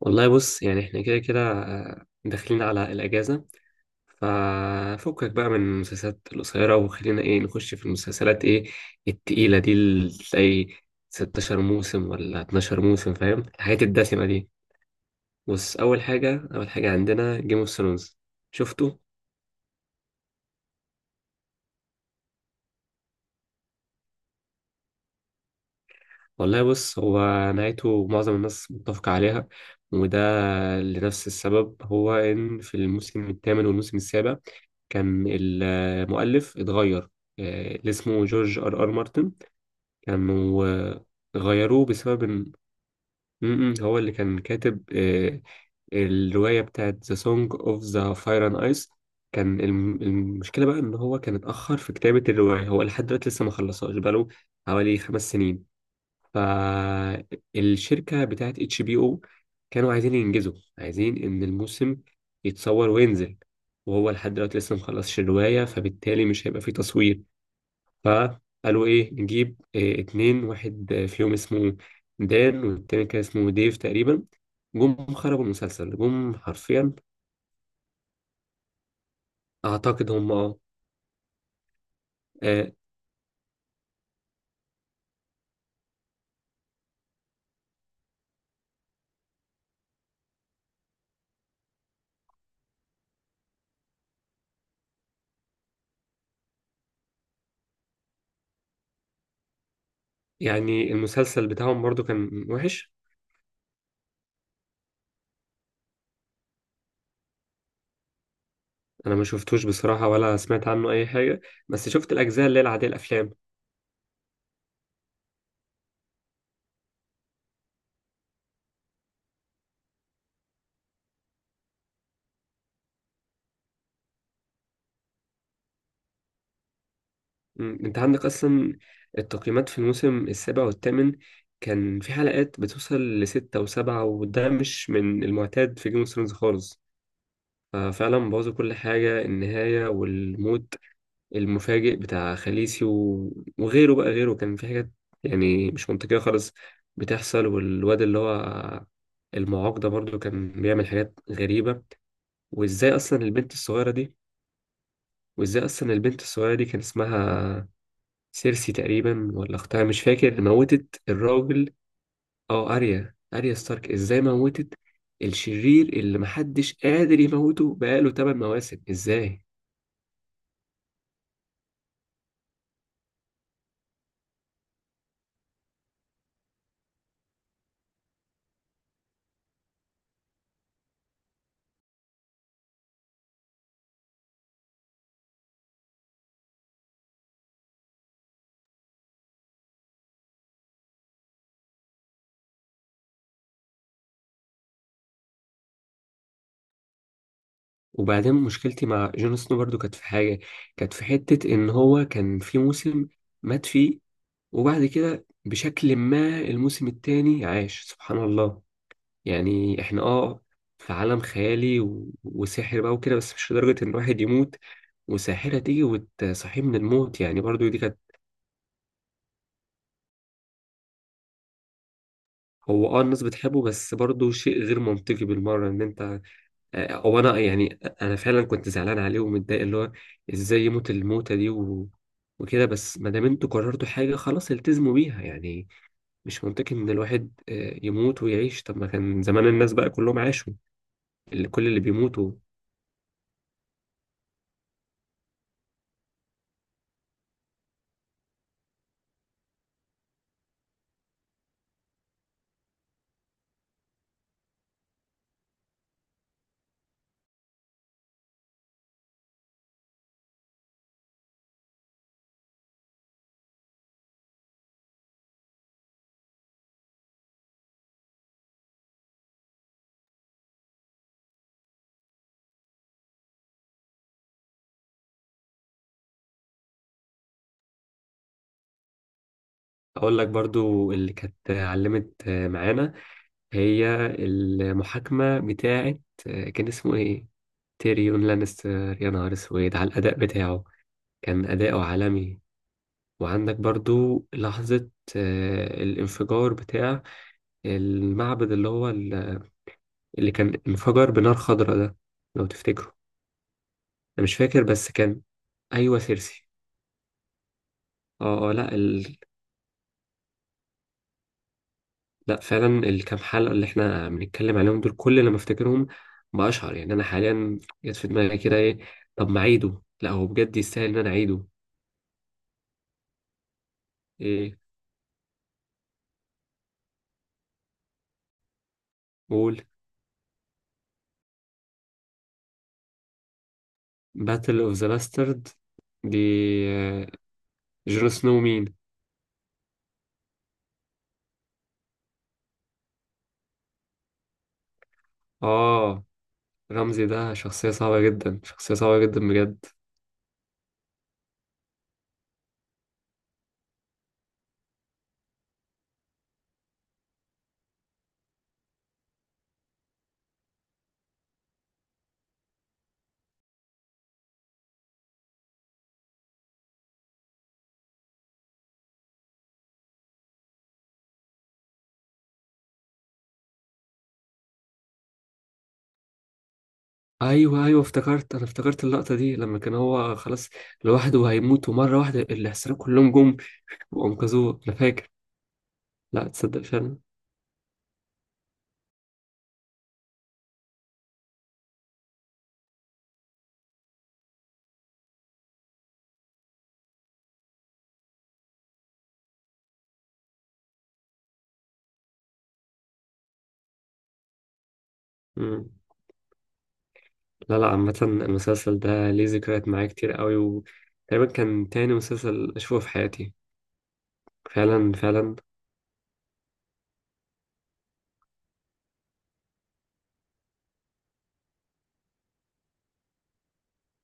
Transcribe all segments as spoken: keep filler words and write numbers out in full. والله بص يعني احنا كده كده آه، داخلين على الأجازة. ففكك بقى من المسلسلات القصيرة وخلينا ايه نخش في المسلسلات ايه التقيلة دي اللي تلاقي 16 موسم ولا 12 موسم، فاهم؟ الحاجات الدسمة دي. بص، أول حاجة أول حاجة عندنا جيم اوف ثرونز. شفته؟ والله بص، هو نهايته معظم الناس متفقة عليها، وده لنفس السبب، هو إن في الموسم الثامن والموسم السابع كان المؤلف اتغير. آه، اللي اسمه جورج ار ار مارتن، كانوا آه، غيروه بسبب إن م- م، هو اللي كان كاتب آه، الرواية بتاعت The Song of the Fire and Ice. كان الم- المشكلة بقى إن هو كان اتأخر في كتابة الرواية، هو لحد دلوقتي لسه ما خلصهاش بقاله حوالي خمس سنين. فالشركة بتاعت اتش بي او كانوا عايزين ينجزوا، عايزين ان الموسم يتصور وينزل، وهو لحد دلوقتي لسه مخلصش الرواية، فبالتالي مش هيبقى فيه تصوير. فقالوا ايه، نجيب إيه اتنين واحد آه، فيهم اسمه دان والتاني كان اسمه ديف تقريبا. جم خربوا المسلسل، جم حرفيا. اعتقد هم اه. آه، يعني المسلسل بتاعهم برضو كان وحش. انا ما شفتوش بصراحة ولا سمعت عنه اي حاجة، بس شفت الاجزاء اللي هي العادية، الافلام. مم. انت عندك اصلا التقييمات في الموسم السابع والثامن كان في حلقات بتوصل لستة وسبعة، وده مش من المعتاد في جيم اوف ثرونز خالص. ففعلا بوظوا كل حاجة، النهاية والموت المفاجئ بتاع خليسي و... وغيره. بقى غيره كان في حاجات يعني مش منطقية خالص بتحصل. والواد اللي هو المعاق ده برضه كان بيعمل حاجات غريبة. وازاي اصلا البنت الصغيرة دي وازاي اصلا البنت الصغيرة دي كان اسمها سيرسي تقريبا، ولا اختها، مش فاكر، موتت الراجل. اه، اريا اريا ستارك، ازاي موتت الشرير اللي محدش قادر يموته بقاله 8 مواسم؟ ازاي؟ وبعدين مشكلتي مع جون سنو برضو كانت في حاجة، كانت في حتة ان هو كان في موسم مات فيه، وبعد كده بشكل ما الموسم التاني عاش، سبحان الله. يعني احنا اه في عالم خيالي و... وسحر بقى وكده، بس مش لدرجة ان الواحد يموت وساحرة تيجي وتصحيه من الموت، يعني برضو دي كانت. هو اه الناس بتحبه، بس برضو شيء غير منطقي بالمرة ان انت، آه، هو انا يعني انا فعلا كنت زعلان عليه ومتضايق اللي هو ازاي يموت الموتة دي و... وكده، بس ما دام انتوا قررتوا حاجة خلاص التزموا بيها يعني. مش منطقي ان الواحد آه، يموت ويعيش، طب ما كان زمان الناس بقى كلهم عاشوا، اللي كل اللي بيموتوا. اقول لك برضو اللي كانت علمت معانا، هي المحاكمه بتاعه. كان اسمه ايه؟ تيريون لانستر. يا نهار اسود على الاداء بتاعه، كان اداؤه عالمي. وعندك برضو لحظه آه، الانفجار بتاع المعبد اللي هو ال- اللي كان انفجر بنار خضراء ده، لو تفتكره. انا مش فاكر بس كان، ايوه سيرسي. اه آه، لا. لا فعلا الكام حلقة اللي احنا بنتكلم عليهم دول، كل لما افتكرهم بأشعر يعني انا حاليا جت في دماغي كده ايه، طب ما اعيده. لا هو بجد يستاهل ان انا اعيده. ايه؟ قول. باتل اوف ذا لاسترد دي. آه، جون سنو مين؟ اه، رمزي. ده شخصية صعبة جدا، شخصية صعبة جدا بجد. ايوه ايوه، افتكرت انا افتكرت اللقطة دي لما كان هو خلاص لوحده وهيموت، ومرة واحدة العسكريين كلهم جم وانقذوه، انا فاكر. لا تصدق، فعلا. مم. لا لا، عامة المسلسل ده ليه ذكريات معايا كتير قوي، وتقريبا كان تاني مسلسل أشوفه في حياتي. فعلا فعلا.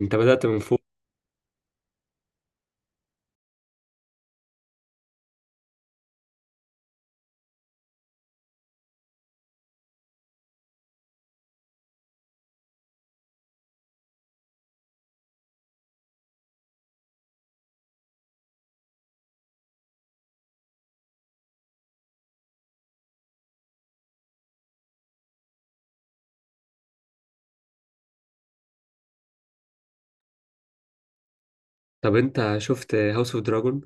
أنت بدأت من فوق. طب أنت شفت هاوس أوف دراجون؟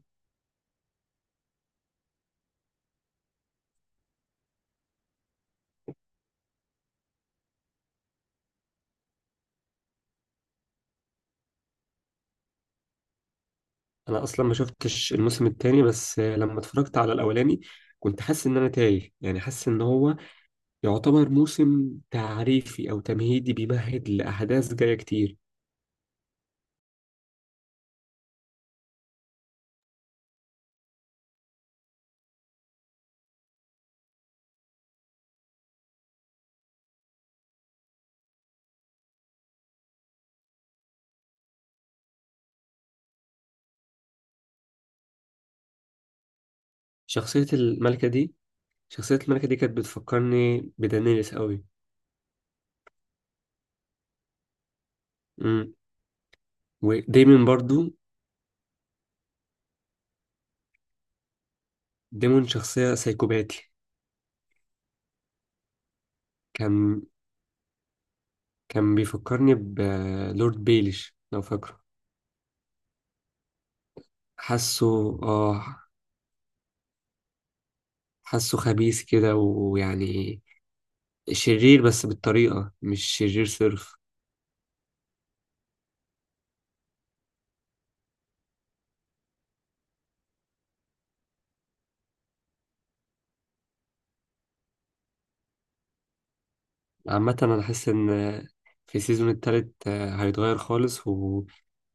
أنا أصلا ما شفتش الموسم التاني، بس لما اتفرجت على الأولاني كنت حاسس إن أنا تايه، يعني حاسس إن هو يعتبر موسم تعريفي أو تمهيدي، بيمهد لأحداث جاية كتير. شخصية الملكة دي شخصية الملكة دي كانت بتفكرني بدانيلس قوي. امم. ودايما برضو دايما شخصية سايكوباتي. كان كان بيفكرني بلورد بيليش، لو فاكره. حاسه اه، حاسه خبيث كده ويعني شرير، بس بالطريقة مش شرير صرف. عامة أنا حاسس إن في السيزون التالت آه، هيتغير خالص و...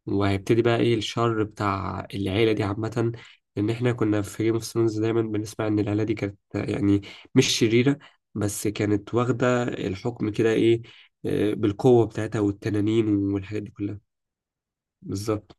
وهيبتدي بقى إيه الشر بتاع العيلة دي عامة. لأن إحنا كنا في جيم اوف ثرونز دايما بنسمع إن العيلة دي كانت آه، يعني مش شريرة، بس كانت واخدة الحكم كده، إيه، آه، بالقوة بتاعتها والتنانين والحاجات دي كلها. بالظبط.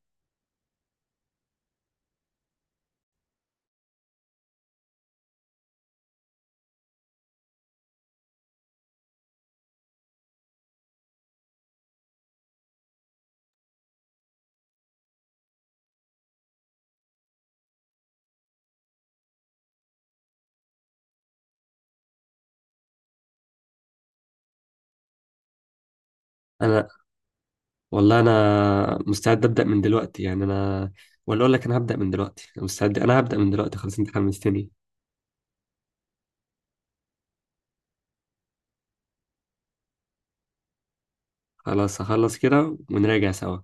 أنا والله أنا مستعد أبدأ من دلوقتي، يعني أنا، ولا أقول لك أنا هبدأ من دلوقتي. أنا مستعد، أنا هبدأ من دلوقتي خلاص، أنت حمستني. خلاص هخلص كده ونراجع سوا.